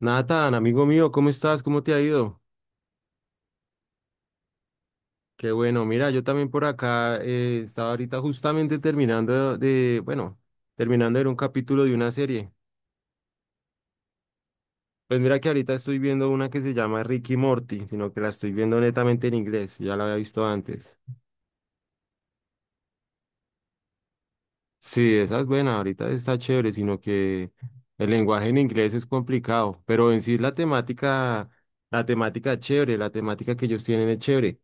Nathan, amigo mío, ¿cómo estás? ¿Cómo te ha ido? Qué bueno, mira, yo también por acá estaba ahorita justamente terminando bueno, terminando de ver un capítulo de una serie. Pues mira que ahorita estoy viendo una que se llama Ricky Morty, sino que la estoy viendo netamente en inglés, ya la había visto antes. Sí, esa es buena, ahorita está chévere, sino que el lenguaje en inglés es complicado, pero en sí la temática es chévere, la temática que ellos tienen es chévere.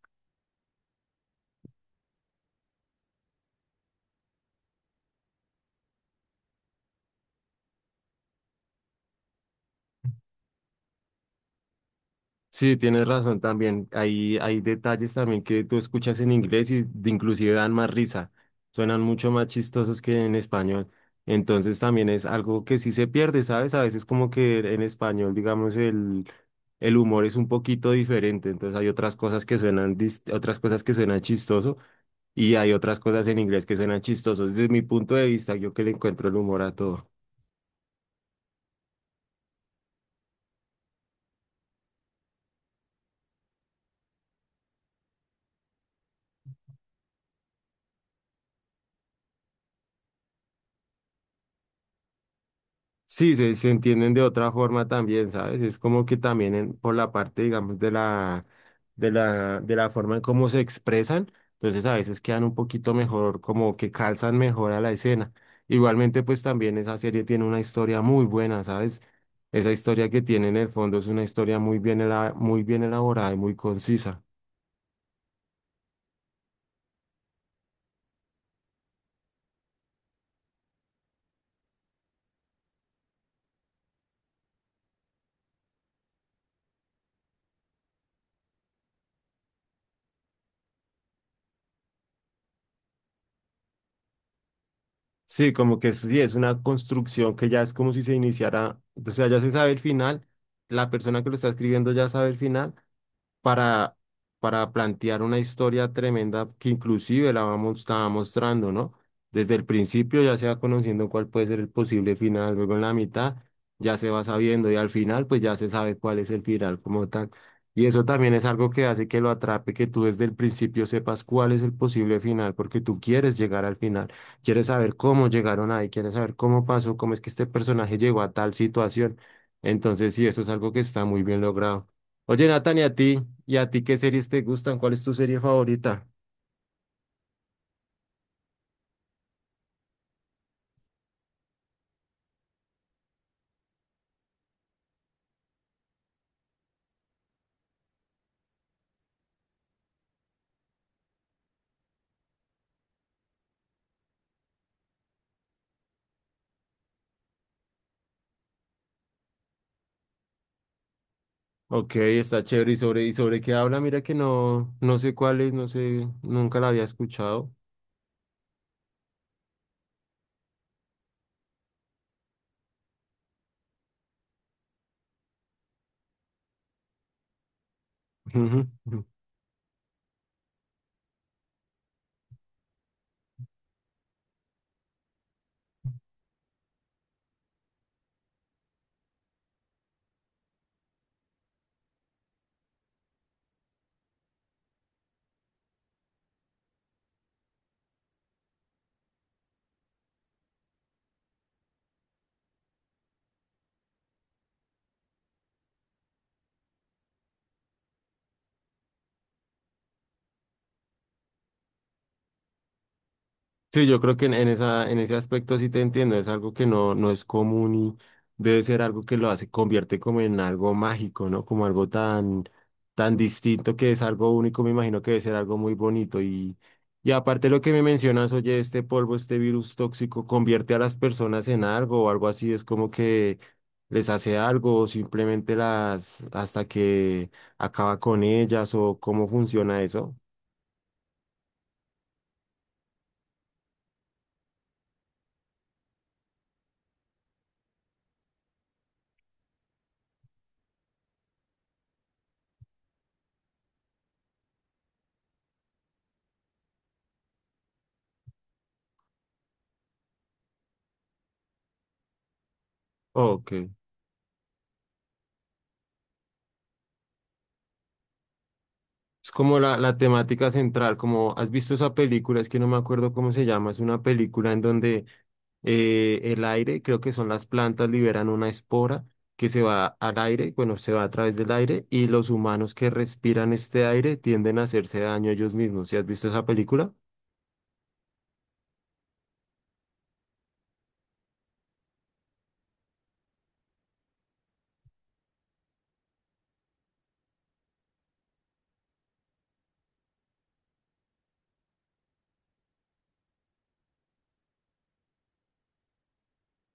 Sí, tienes razón también. Hay detalles también que tú escuchas en inglés y de- inclusive dan más risa. Suenan mucho más chistosos que en español. Entonces también es algo que sí se pierde, ¿sabes? A veces como que en español, digamos, el humor es un poquito diferente. Entonces hay otras cosas que suenan, otras cosas que suenan chistoso y hay otras cosas en inglés que suenan chistosos. Desde mi punto de vista, yo que le encuentro el humor a todo. Sí, se entienden de otra forma también, ¿sabes? Es como que también por la parte, digamos, de la forma en cómo se expresan, entonces a veces quedan un poquito mejor, como que calzan mejor a la escena. Igualmente, pues también esa serie tiene una historia muy buena, ¿sabes? Esa historia que tiene en el fondo es una historia muy bien, muy bien elaborada y muy concisa. Sí, como que sí, es una construcción que ya es como si se iniciara, o sea, ya se sabe el final, la persona que lo está escribiendo ya sabe el final para, para plantear una historia tremenda que inclusive la vamos, estaba mostrando, ¿no? Desde el principio ya se va conociendo cuál puede ser el posible final, luego en la mitad ya se va sabiendo y al final pues ya se sabe cuál es el final como tal. Y eso también es algo que hace que lo atrape, que tú desde el principio sepas cuál es el posible final, porque tú quieres llegar al final, quieres saber cómo llegaron ahí, quieres saber cómo pasó, cómo es que este personaje llegó a tal situación. Entonces, sí, eso es algo que está muy bien logrado. Oye, Nathan, ¿y a ti? ¿Y a ti qué series te gustan? ¿Cuál es tu serie favorita? Ok, está chévere. Y sobre qué habla? Mira que no, no sé cuál es, no sé, nunca la había escuchado. Sí, yo creo que en esa, en ese aspecto sí te entiendo, es algo que no, no es común y debe ser algo que lo hace, convierte como en algo mágico, ¿no? Como algo tan, tan distinto que es algo único, me imagino que debe ser algo muy bonito. Y aparte lo que me mencionas, oye, este polvo, este virus tóxico, convierte a las personas en algo o algo así, es como que les hace algo o simplemente las, hasta que acaba con ellas o cómo funciona eso. Ok. Es como la temática central, como has visto esa película, es que no me acuerdo cómo se llama, es una película en donde el aire, creo que son las plantas, liberan una espora que se va al aire, bueno, se va a través del aire y los humanos que respiran este aire tienden a hacerse daño ellos mismos. ¿Sí has visto esa película?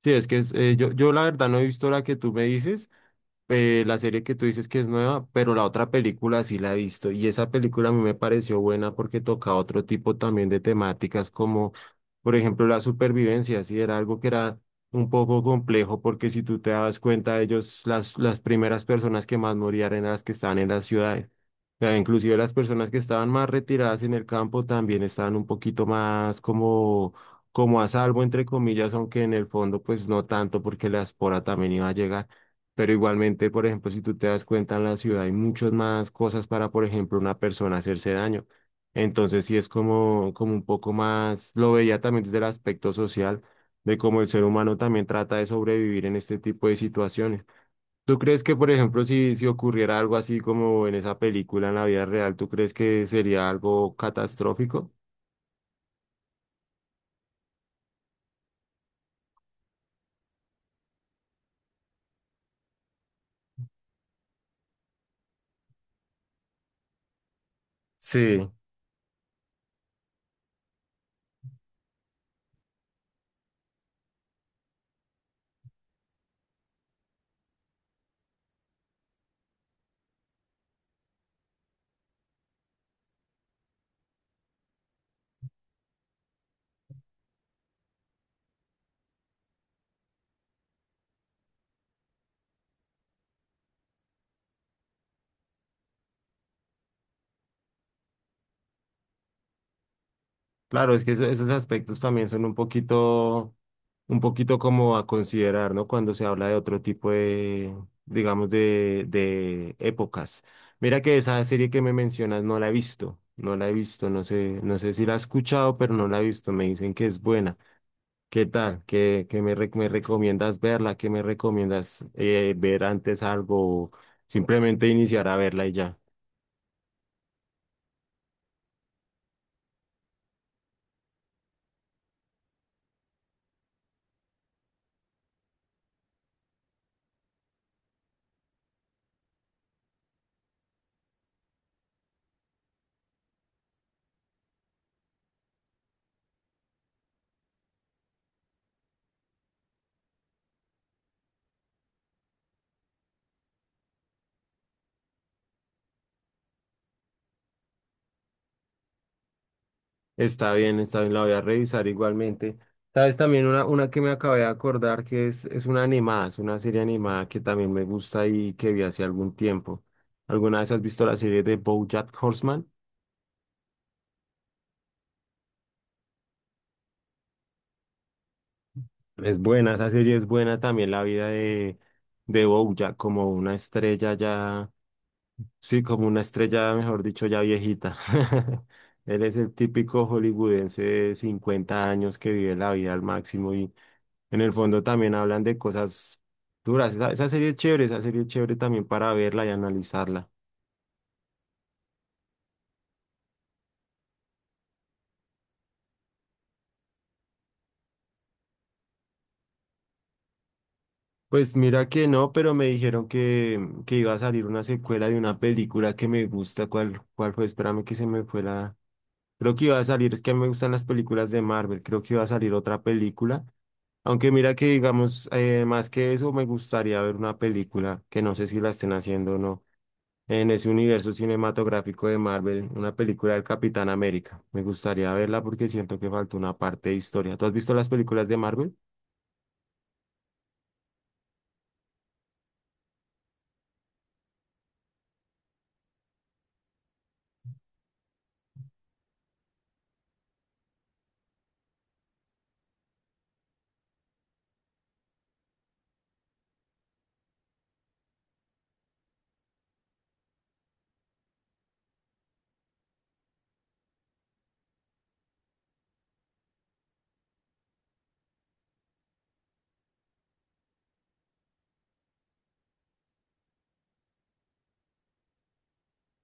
Sí, es que es, yo, yo la verdad no he visto la que tú me dices, la serie que tú dices que es nueva, pero la otra película sí la he visto y esa película a mí me pareció buena porque toca otro tipo también de temáticas como, por ejemplo, la supervivencia, sí, era algo que era un poco complejo porque si tú te das cuenta, ellos, las primeras personas que más morían eran las que estaban en las ciudades. O sea, inclusive las personas que estaban más retiradas en el campo también estaban un poquito más como, como a salvo, entre comillas, aunque en el fondo pues no tanto porque la espora también iba a llegar. Pero igualmente, por ejemplo, si tú te das cuenta en la ciudad hay muchas más cosas para, por ejemplo, una persona hacerse daño. Entonces sí es como, como un poco más, lo veía también desde el aspecto social, de cómo el ser humano también trata de sobrevivir en este tipo de situaciones. ¿Tú crees que, por ejemplo, si ocurriera algo así como en esa película en la vida real, ¿tú crees que sería algo catastrófico? Sí, Claro, es que esos aspectos también son un poquito como a considerar, ¿no? Cuando se habla de otro tipo de, digamos, de épocas. Mira que esa serie que me mencionas no la he visto, no la he visto, no sé, no sé si la he escuchado, pero no la he visto. Me dicen que es buena. ¿Qué tal? ¿Qué, me recomiendas verla? ¿Qué me recomiendas ver antes algo? Simplemente iniciar a verla y ya. Está bien, la voy a revisar igualmente. Sabes, también una que me acabé de acordar que es una animada, es una serie animada que también me gusta y que vi hace algún tiempo. ¿Alguna vez has visto la serie de BoJack Horseman? Es buena, esa serie es buena también, la vida de BoJack como una estrella ya, sí, como una estrella, mejor dicho, ya viejita. Él es el típico hollywoodense de 50 años que vive la vida al máximo. En el fondo también hablan de cosas duras. Esa serie es chévere, esa serie es chévere también para verla y analizarla. Pues mira que no, pero me dijeron que iba a salir una secuela de una película que me gusta. ¿Cuál, cuál fue? Espérame que se me fue la... Creo que iba a salir, es que a mí me gustan las películas de Marvel, creo que iba a salir otra película. Aunque mira que digamos, más que eso, me gustaría ver una película que no sé si la estén haciendo o no, en ese universo cinematográfico de Marvel, una película del Capitán América. Me gustaría verla porque siento que falta una parte de historia. ¿Tú has visto las películas de Marvel?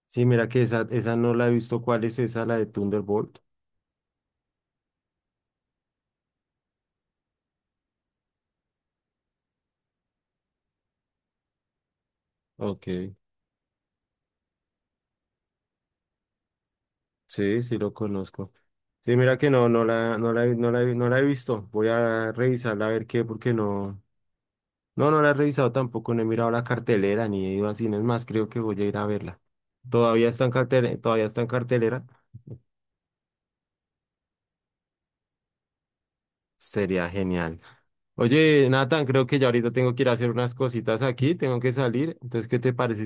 Sí, mira que esa no la he visto. ¿Cuál es esa, la de Thunderbolt? Ok, sí, sí lo conozco. Sí, mira que no, no la he visto. Voy a revisarla a ver qué, porque no, no, no la he revisado tampoco, no he mirado la cartelera ni he ido a cines más, creo que voy a ir a verla. Todavía está en cartelera, todavía está en cartelera. Sería genial. Oye, Nathan, creo que ya ahorita tengo que ir a hacer unas cositas aquí, tengo que salir. Entonces, ¿qué te parece